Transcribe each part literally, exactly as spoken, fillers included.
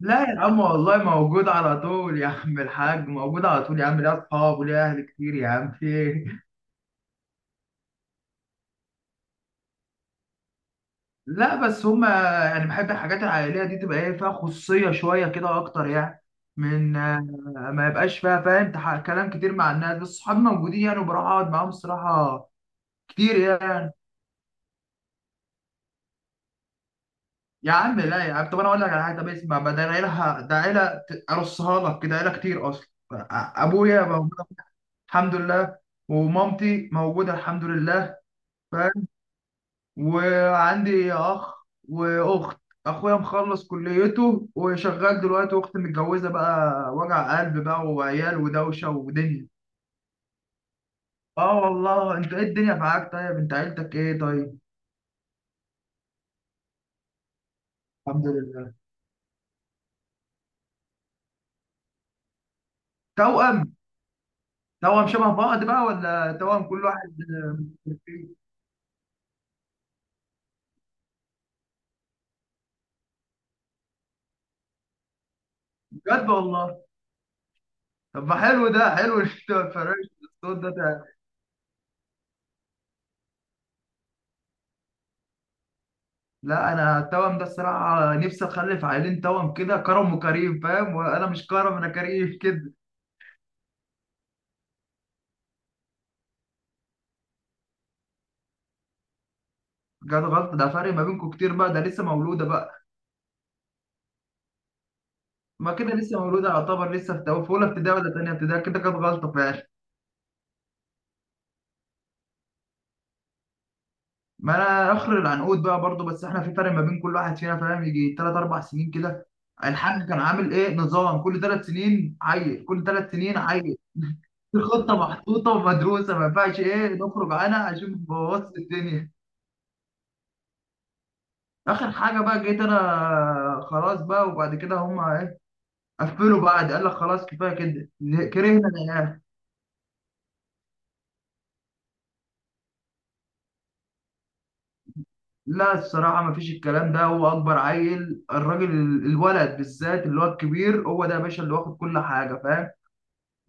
لا يا عم، والله موجود على طول يا عم الحاج، موجود على طول يا عم، ليا اصحاب وليا اهل كتير يا عم، في إيه؟ لا، بس هما يعني بحب الحاجات العائليه دي تبقى ايه فيها خصوصيه شويه كده اكتر يعني، من آه، ما يبقاش فيها فاهم تح- كلام كتير مع الناس، بس صحابي موجودين يعني وبروح اقعد معاهم الصراحه كتير يعني. يا عم، لا يا عم، طب انا اقول لك على حاجه، طب اسمع، ما ده العيله، ده عيله ت- ارصها لك كده، عيله كتير اصلا. ابويا موجود الحمد لله، ومامتي موجوده الحمد لله، وعندي اخ واخت. اخويا مخلص كليته وشغال دلوقتي، واختي متجوزه بقى، وجع قلب بقى وعيال ودوشه ودنيا. اه والله، انت ايه الدنيا معاك؟ طيب انت عيلتك ايه طيب؟ الحمد لله. توأم. توأم شبه بعض بقى ولا توأم كل واحد؟ بجد والله؟ طب ما حلو ده، حلو إن انت ما تفرقش الصوت ده, ده لا انا التوأم ده الصراحه، نفسي اخلف عيلين توأم كده، كرم وكريم فاهم، وانا مش كرم، انا كريم كده. جت غلط ده، فرق ما بينكم كتير بقى، ده لسه مولوده بقى؟ ما كده لسه مولوده يعتبر، لسه في تو- في اولى ابتدائي ولا تانية ابتدائي، كده كانت غلطه فعلا. ما انا اخر العنقود بقى برضو، بس احنا في فرق ما بين كل واحد فينا فاهم، يجي ثلاث اربع سنين كده. الحاج كان عامل ايه؟ نظام كل ثلاث سنين عيل، كل ثلاث سنين عيل. الخطه محطوطه ومدروسه، ما ينفعش ايه نخرج عنها عشان نبوظ الدنيا. اخر حاجه بقى، جيت انا خلاص بقى، وبعد كده هم قفلوا، بعد قال لك خلاص كفايه كده. كرهنا العيال. لا الصراحة، مفيش الكلام ده. هو أكبر عيل الراجل، الولد بالذات اللي هو الكبير، هو ده يا باشا اللي واخد كل حاجة فاهم.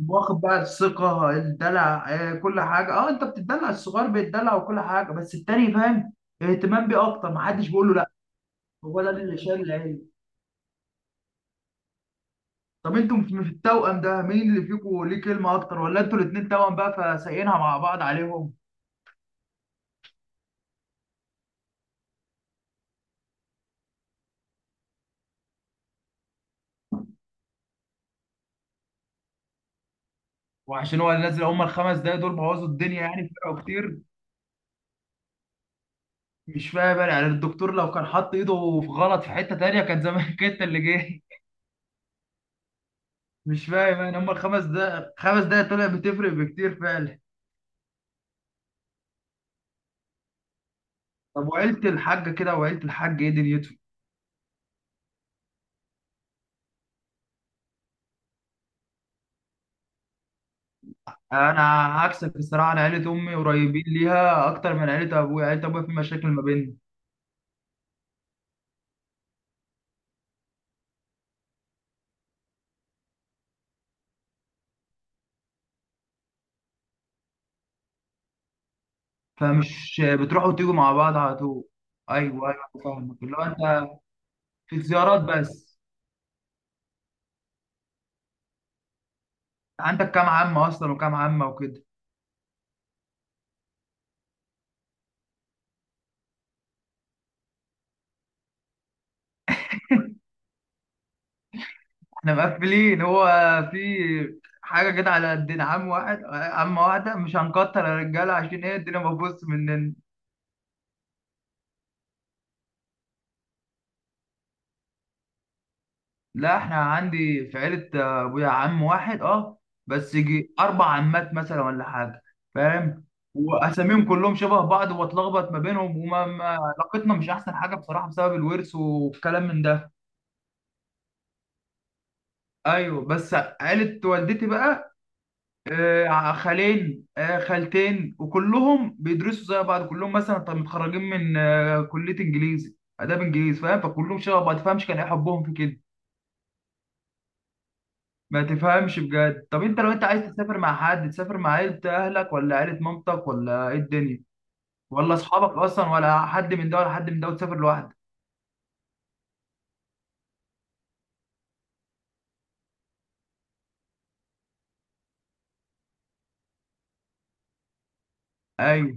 واخد بقى الثقة الدلع، آه، كل حاجة، اه انت بتدلع الصغير بيتدلع وكل حاجة، بس التاني فاهم. اهتمام بيه أكتر، محدش بيقول له لا. هو ده اللي شايل العيل. طب انتوا في في التوأم ده مين اللي فيكم ليه كلمة أكتر، ولا انتوا الاتنين توأم بقى فسايقينها مع بعض عليهم؟ وعشان هو اللي نازل، هما الخمس دقايق دول بوظوا الدنيا يعني، فرقوا كتير. مش فاهم انا يعني، الدكتور لو كان حط ايده في غلط في حته تانيه كان زمانك انت اللي جاي. مش فاهم انا، هم الخمس دقايق، خمس دقايق طلع بتفرق بكتير فعلا. طب وعيله الحاج كده، وعيله الحاج ايه دنيتهم؟ انا عكسك الصراحه، انا عيله امي قريبين ليها اكتر من عيله ابويا، عيله ابويا في مشاكل ما بيننا. فمش بتروحوا وتيجوا مع بعض على طول؟ ايوه، ايوه. فاهمك اللي هو انت. في زيارات بس. عندك كام عمه اصلا وكام عمه وكده؟ احنا مقفلين هو. في حاجة كده على قدنا، عم واحد، عم واحدة، مش هنكتر يا رجالة عشان ايه الدنيا مبوظ مننا. لا احنا عندي في عيلة آه، ابويا عم واحد اه. بس يجي اربع عمات مثلا ولا حاجة. فاهم. واساميهم كلهم شبه بعض واتلخبط ما بينهم وما ما- علاقتنا مش احسن حاجة بصراحة بسبب الورث والكلام من ده. ايوه بس. عيلة والدتي بقى. آه، خالين، آه، خالتين، وكلهم بيدرسوا زي بعض، كلهم مثلا طب متخرجين من آه، كلية انجليزي اداب انجليزي فاهم، فكلهم شبه بعض ما تفهمش كان ايه حبهم في كده. ما تفهمش بجد. طب انت لو انت عايز تسافر مع حد، تسافر مع عيلة اهلك ولا عيلة مامتك، ولا ايه الدنيا؟ ولا اصحابك اصلا، ولا حد من ده ولا حد من ده، وتسافر لوحدك؟ ايوه.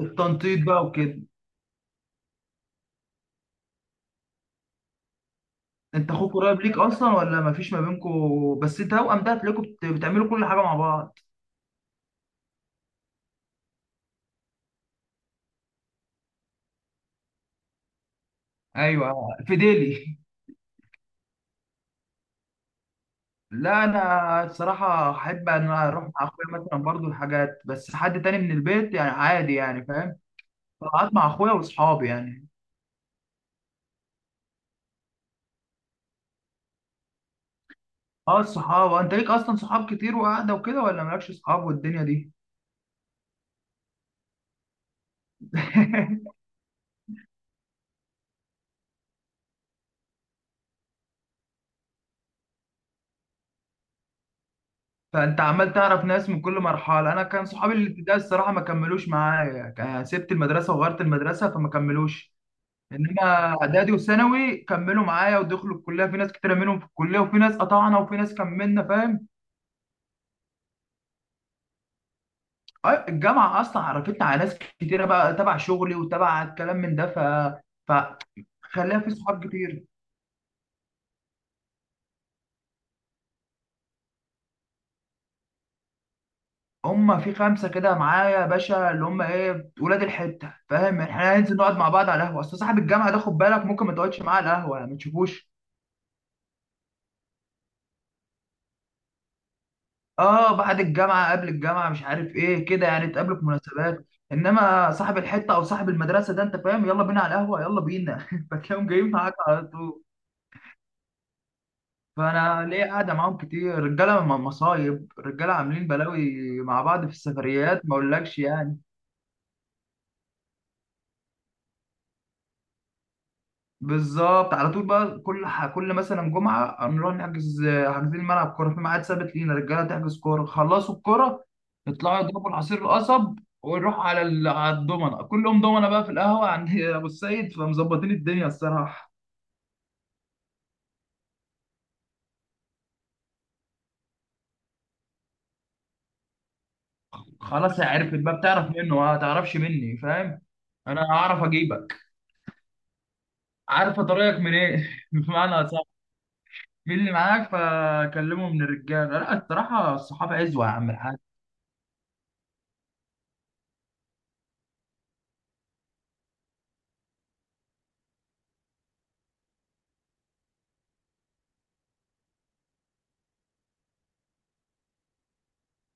التنطيط بقى وكده. انت اخوك قريب ليك اصلا ولا ما فيش ما بينكم؟ بس توأم ده هتلاقيكم بت- بتعملوا كل حاجة مع بعض. ايوه. في ديلي. لا انا الصراحه احب ان انا اروح مع اخويا مثلا برضو حاجات، بس حد تاني من البيت يعني عادي يعني فاهم. طلعت مع اخويا واصحابي يعني. اه الصحاب. انت ليك اصلا صحاب كتير وقاعده وكده، ولا مالكش صحاب والدنيا دي؟ فانت عمال تعرف ناس من كل مرحله، انا كان صحابي الابتدائي الصراحه ما كملوش معايا، كان- سبت المدرسه وغيرت المدرسه فما كملوش. انما اعدادي وثانوي كملوا معايا ودخلوا الكليه، في ناس كتير منهم في الكليه وفي ناس قطعنا وفي ناس كملنا فاهم. أي- الجامعة أصلا عرفتني على ناس كتيرة بقى تبع شغلي وتبع الكلام من ده ف... فخليها في صحاب كتير. هما في خمسة كده معايا يا باشا، اللي هما إيه ولاد الحتة فاهم، إحنا هننزل نقعد مع بعض على القهوة. أصل صاحب الجامعة ده خد بالك، ممكن ما تقعدش معاه على القهوة يعني، ما تشوفوش. آه، بعد الجامعة قبل الجامعة مش عارف إيه كده يعني، تقابلوا في مناسبات. إنما صاحب الحتة أو صاحب المدرسة ده أنت فاهم، يلا بينا على القهوة يلا بينا فتلاقيهم جايين معاك على طول. فانا ليه قاعده معاهم كتير، رجاله م- مصايب، رجاله عاملين بلاوي مع بعض في السفريات ما اقولكش يعني. بالظبط على طول بقى، كل ح... كل مثلا جمعه نروح نحجز. حاجزين ملعب كوره في ميعاد ثابت لينا، رجاله تحجز كوره، خلصوا الكوره. يطلعوا يضربوا العصير القصب. ونروح على ال... على الضمنه، كلهم ضمنه بقى في القهوه عند ابو السيد، فمظبطين الدنيا الصراحه. خلاص هي عرفت بقى، بتعرف منه ما تعرفش مني فاهم. انا هعرف اجيبك. عارفه طريقك منين بمعنى. مين اللي معاك فكلمه من الرجاله، لا الصراحه الصحابه عزوه يا عم الحاج.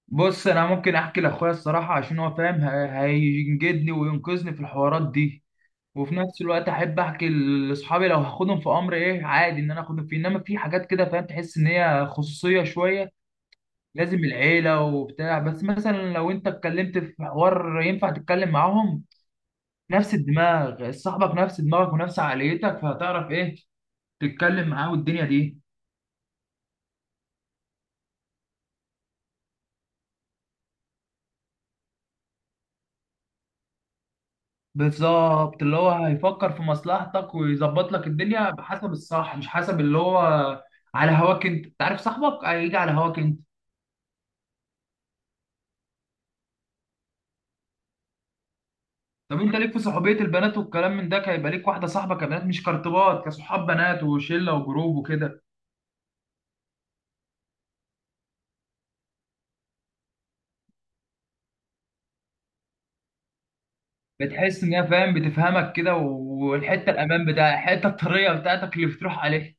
بص انا ممكن احكي لاخويا الصراحه، عشان هو فاهم هي- هينجدني وينقذني في الحوارات دي. وفي نفس الوقت احب احكي لاصحابي، لو هاخدهم في امر ايه عادي ان انا اخدهم فيه، انما في حاجات كده فاهم، تحس ان هي خصوصيه شويه. لازم العيله وبتاع، بس مثلا لو انت اتكلمت في حوار ينفع تتكلم معاهم. نفس الدماغ، صاحبك نفس دماغك ونفس عقليتك، فهتعرف ايه. تتكلم معاه والدنيا دي. بالظبط، اللي هو هيفكر في مصلحتك ويظبط لك الدنيا بحسب الصح، مش حسب اللي هو. على هواك انت انت عارف صاحبك هيجي على هواك انت. طب انت ليك في صحوبية البنات والكلام من ده، هيبقى ليك واحدة صاحبة كبنات مش كارتبات، كصحاب بنات وشلة وجروب وكده؟ بتحس ان هي فاهم بتفهمك كده، والحتة الامان بتاعها الحتة الطرية بتاعتك اللي بتروح عليها.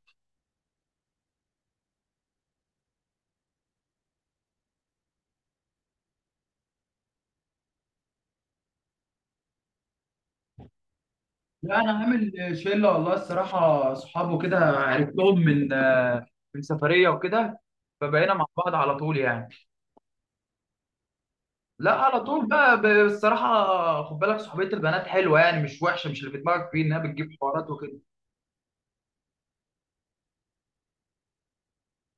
لا انا عامل شلة والله الصراحة، صحابه كده عرفتهم من من سفرية وكده. فبقينا مع بعض على طول يعني. لا على طول بقى ب- الصراحة خد بالك، صحوبية البنات حلوة يعني، مش وحشة، مش اللي في دماغك فيه إنها بتجيب حوارات وكده.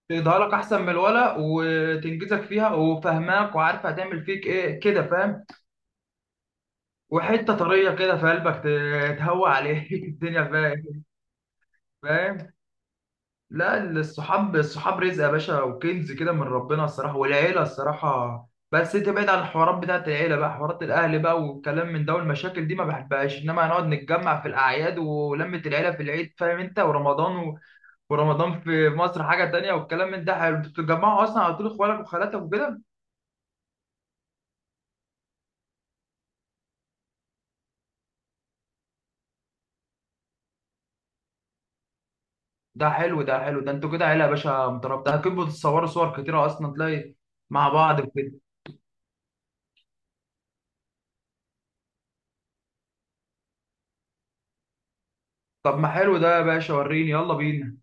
تقضيها لك أحسن من الولا وتنجزك فيها وفاهماك، وعارفة هتعمل فيك إيه كده فاهم. وحتة طرية كده في قلبك ت- تهوى عليه الدنيا فاهم. فاهم. لا الصحاب الصحاب رزق يا باشا وكنز كده من ربنا الصراحة، والعيلة الصراحة، بس انت بعيد عن الحوارات بتاعت العيلة بقى، حوارات الأهل بقى والكلام من ده والمشاكل دي ما بحبهاش، إنما هنقعد نتجمع في الأعياد، ولمة العيلة في العيد فاهم انت، ورمضان و... ورمضان في مصر حاجة تانية والكلام من ده حلو، انتوا بتتجمعوا أصلا على طول إخوالك وخالاتك وكده؟ ده حلو ده حلو، ده انتوا كده عيلة يا باشا مترابطة، أكيد بتتصوروا صور كتيرة أصلا تلاقي مع بعض وكده. طب ما حلو ده يا باشا، وريني يلا بينا.